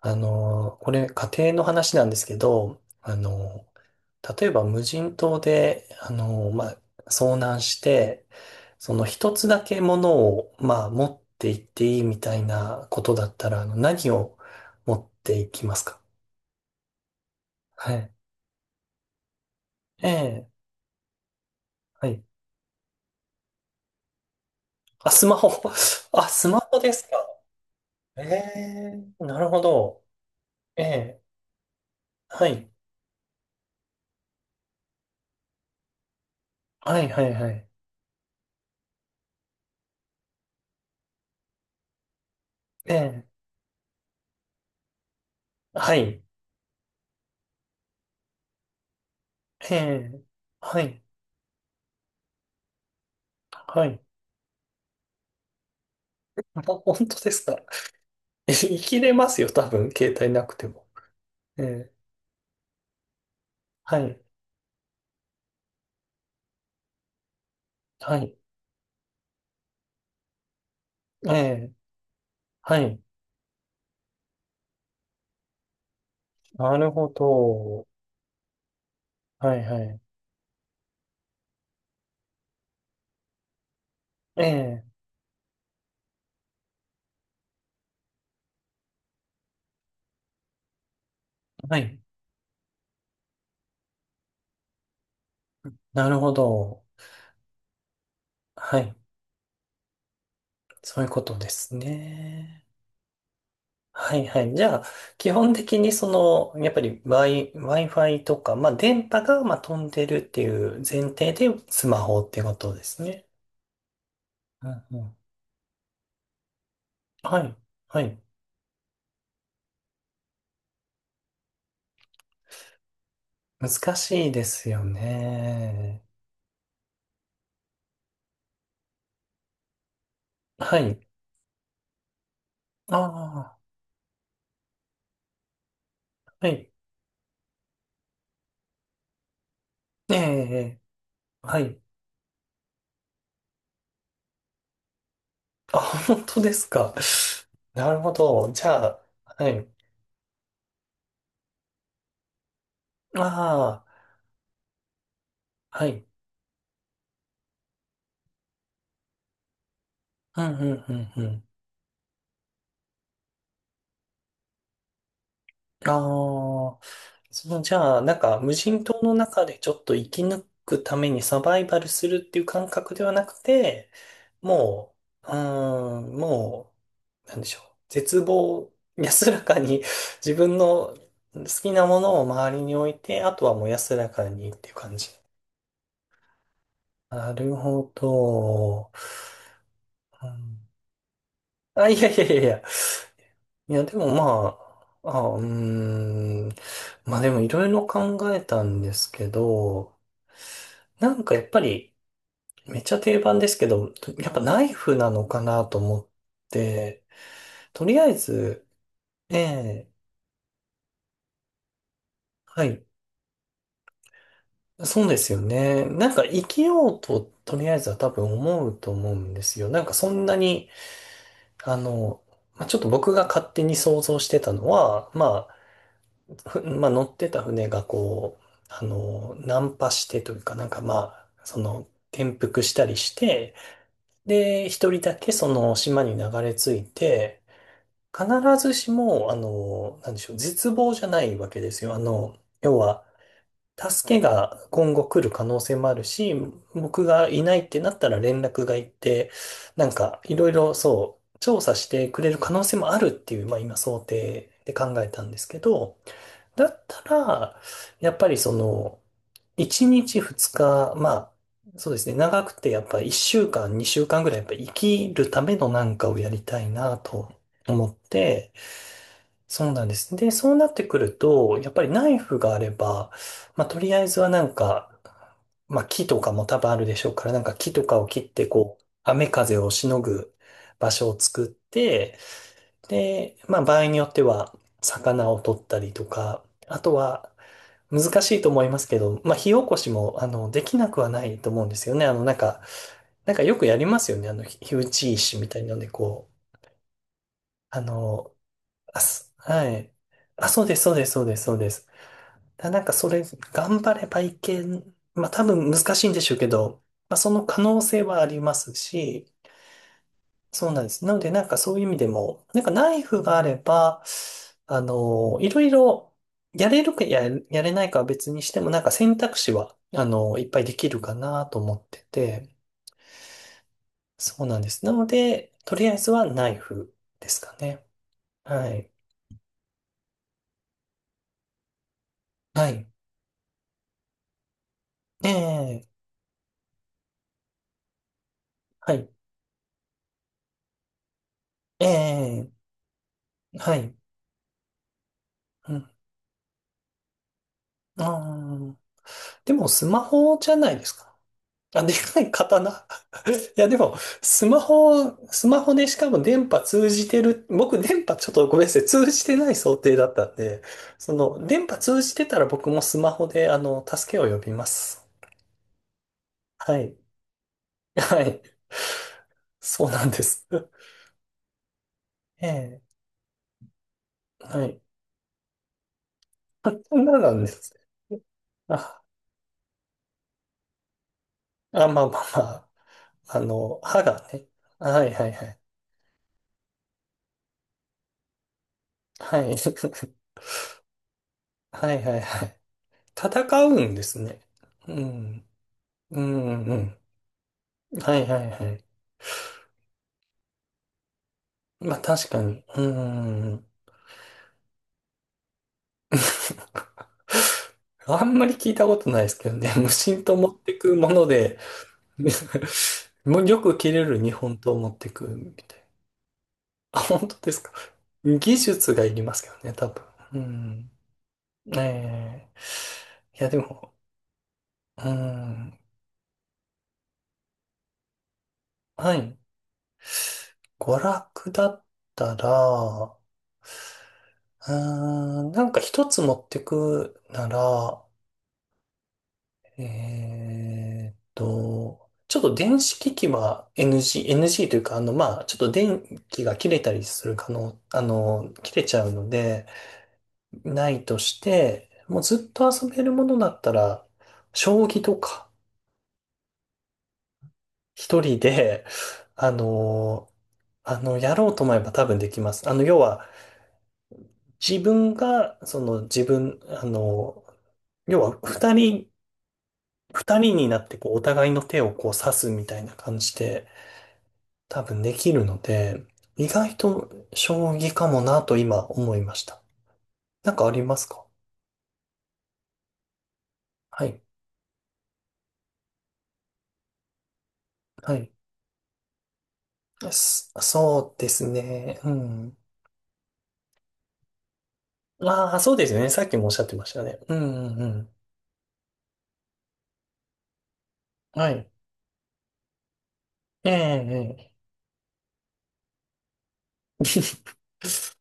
これ家庭の話なんですけど、例えば無人島で、まあ、遭難して、その一つだけものを、まあ、持って行っていいみたいなことだったら、何を持っていきますか？はい。ええ、はい。あ、スマホ。あ、スマホですか。ええ、なるほど。ええ、はい。はい、はい、はい。ええ、はい。ええ、はい。はい。あ、本当ですか。生きれますよ、多分、携帯なくても。ええ、はい、はい、ええ、はい、なるほど。はい、はい、ええ、はい、なるほど。はい、そういうことですね。はい、はい。じゃあ、基本的にその、やっぱり Wi-Fi とか、まあ、電波が、まあ、飛んでるっていう前提でスマホってことですね。うんうん、はい、はい。難しいですよね。はい。ああ、はい。ええ、ええ、はい。あ、本当ですか。なるほど。じゃあ、はい。ああ、はい。うん、うん、うん、うん。ああ、じゃあ、なんか、無人島の中でちょっと生き抜くためにサバイバルするっていう感覚ではなくて、もう、もう、なんでしょう。絶望、安らかに自分の好きなものを周りに置いて、あとはもう安らかにっていう感じ。なるほど。うん、あ、いやいやいやいや。いや、でもまあ、あ、うーん。まあでもいろいろ考えたんですけど、なんかやっぱり、めっちゃ定番ですけど、やっぱナイフなのかなと思って、とりあえず、ええ、はい、そうですよね。なんか生きようと、とりあえずは多分思うと思うんですよ。なんかそんなに、あの、まあ、ちょっと僕が勝手に想像してたのは、まあ、乗ってた船がこう、難破してというか、なんかまあ、転覆したりして、で、一人だけその島に流れ着いて、必ずしも、なんでしょう、絶望じゃないわけですよ。要は、助けが今後来る可能性もあるし、僕がいないってなったら連絡が行って、なんか、いろいろそう、調査してくれる可能性もあるっていう、まあ今想定で考えたんですけど、だったら、やっぱりその、1日2日、まあ、そうですね、長くてやっぱ1週間、2週間ぐらいやっぱ生きるためのなんかをやりたいなと思って、そうなんです。で、そうなってくると、やっぱりナイフがあれば、まあ、とりあえずはなんか、まあ、木とかも多分あるでしょうから、なんか木とかを切って、こう、雨風をしのぐ場所を作って、で、まあ場合によっては魚を取ったりとか、あとは難しいと思いますけど、まあ火起こしもできなくはないと思うんですよね。あのなんか、なんかよくやりますよね。あの火打ち石みたいのでこう、あの、あす、はい。あ、そうです、そうです、そうです、そうです。だなんかそれ頑張ればいけん、まあ多分難しいんでしょうけど、まあその可能性はありますし、そうなんです。なので、なんかそういう意味でも、なんかナイフがあれば、いろいろ、やれるかや、やれないかは別にしても、なんか選択肢は、いっぱいできるかなと思ってて、そうなんです。なので、とりあえずはナイフですかね。はい。はい。ええ、はい。ええ、はい。うん。あー、でも、スマホじゃないですか。あ、でかい刀。いや、でも、スマホでしかも電波通じてる、僕電波ちょっとごめんなさい、通じてない想定だったんで、その、電波通じてたら僕もスマホで、あの、助けを呼びます。はい。はい。そうなんです。ええ。はい。あ、そんななんです。あ、あ、まあまあまあ。あの、歯がね。はいはいはい。はい。はいはいはい。戦うんですね。うん。うんうん。はいはいはい。まあ確かに。うーん。あんまり聞いたことないですけどね。無心と持ってくもので、もうよく切れる日本刀を持ってくみたいな。あ、本当ですか。技術がいりますけどね、多分。うん。ええ、いや、でも、うん。はい。娯楽だったら、うん、なんか一つ持ってくなら、ちょっと電子機器は NG、NG というか、まあ、ちょっと電気が切れたりする可能、あの、切れちゃうので、ないとして、もうずっと遊べるものだったら、将棋とか、一人で、あの、あの、やろうと思えば多分できます。あの、要は、自分が、その、自分、あの、要は、二人になって、こう、お互いの手をこう、指すみたいな感じで、多分できるので、意外と将棋かもなと今思いました。なんかありますか？はい。はい。そうですね。うん。ああ、そうですね。さっきもおっしゃってましたね。うんうんうん。はい。ええええ。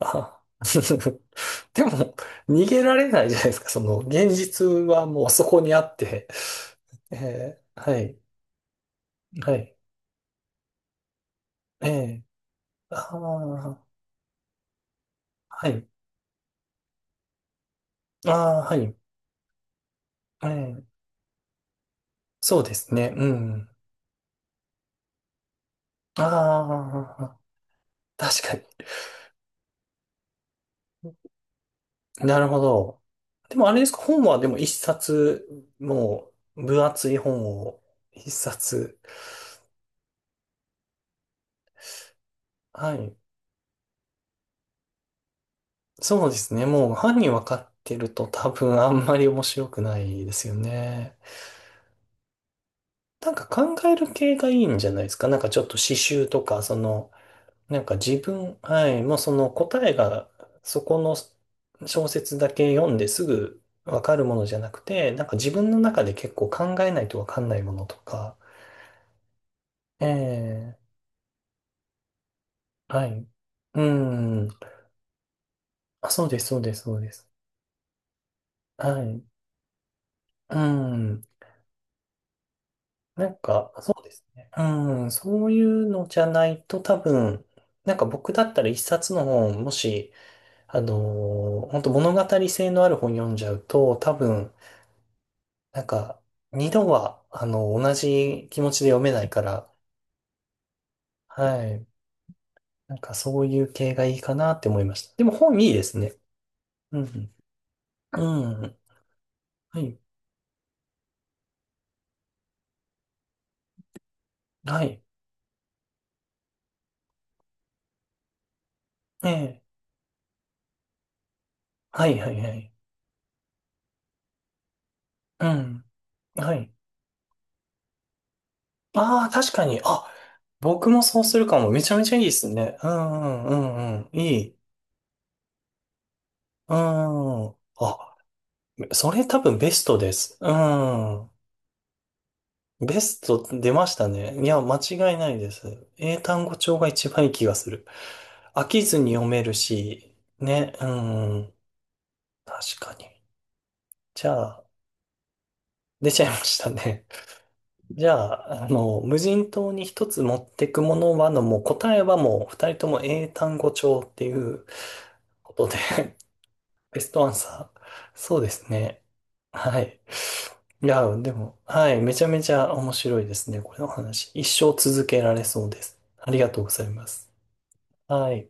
あ でも、逃げられないじゃないですか。その、現実はもうそこにあって。ええ、はい。はい。ええ、ああ、はい。ああ、はい。ええ、そうですね。うん。ああ、確かに。なるほど。でもあれですか、本はでも一冊、もう分厚い本を一冊。はい。そうですね。もう犯人分かってると多分あんまり面白くないですよね。なんか考える系がいいんじゃないですか？なんかちょっと詩集とか、その、なんか自分、はい、もうその答えがそこの小説だけ読んですぐわかるものじゃなくて、なんか自分の中で結構考えないとわかんないものとか、ええ、はい。うん。あ、そうです、そうです、そうです。はい。うん。なんか、そうですね。うん。そういうのじゃないと多分、なんか僕だったら一冊の本、もし、本当物語性のある本読んじゃうと、多分、なんか、二度は、同じ気持ちで読めないから、はい。なんか、そういう系がいいかなって思いました。でも、本いいですね。うん。うん。はい。はい。ええ。はい、はい、はい。うん。はい。ああ、確かに。あ、僕もそうするかも。めちゃめちゃいいですね。うん、うん、うん、うん。いい。うん。あ、それ多分ベストです。うん。ベスト出ましたね。いや、間違いないです。英単語帳が一番いい気がする。飽きずに読めるし、ね、うん、確かに。じゃあ、出ちゃいましたね。じゃあ、無人島に一つ持ってくものはの、もう答えはもう二人とも英単語帳っていうことでベストアンサー。そうですね。はい。いや、でも、はい。めちゃめちゃ面白いですね。これの話。一生続けられそうです。ありがとうございます。はい。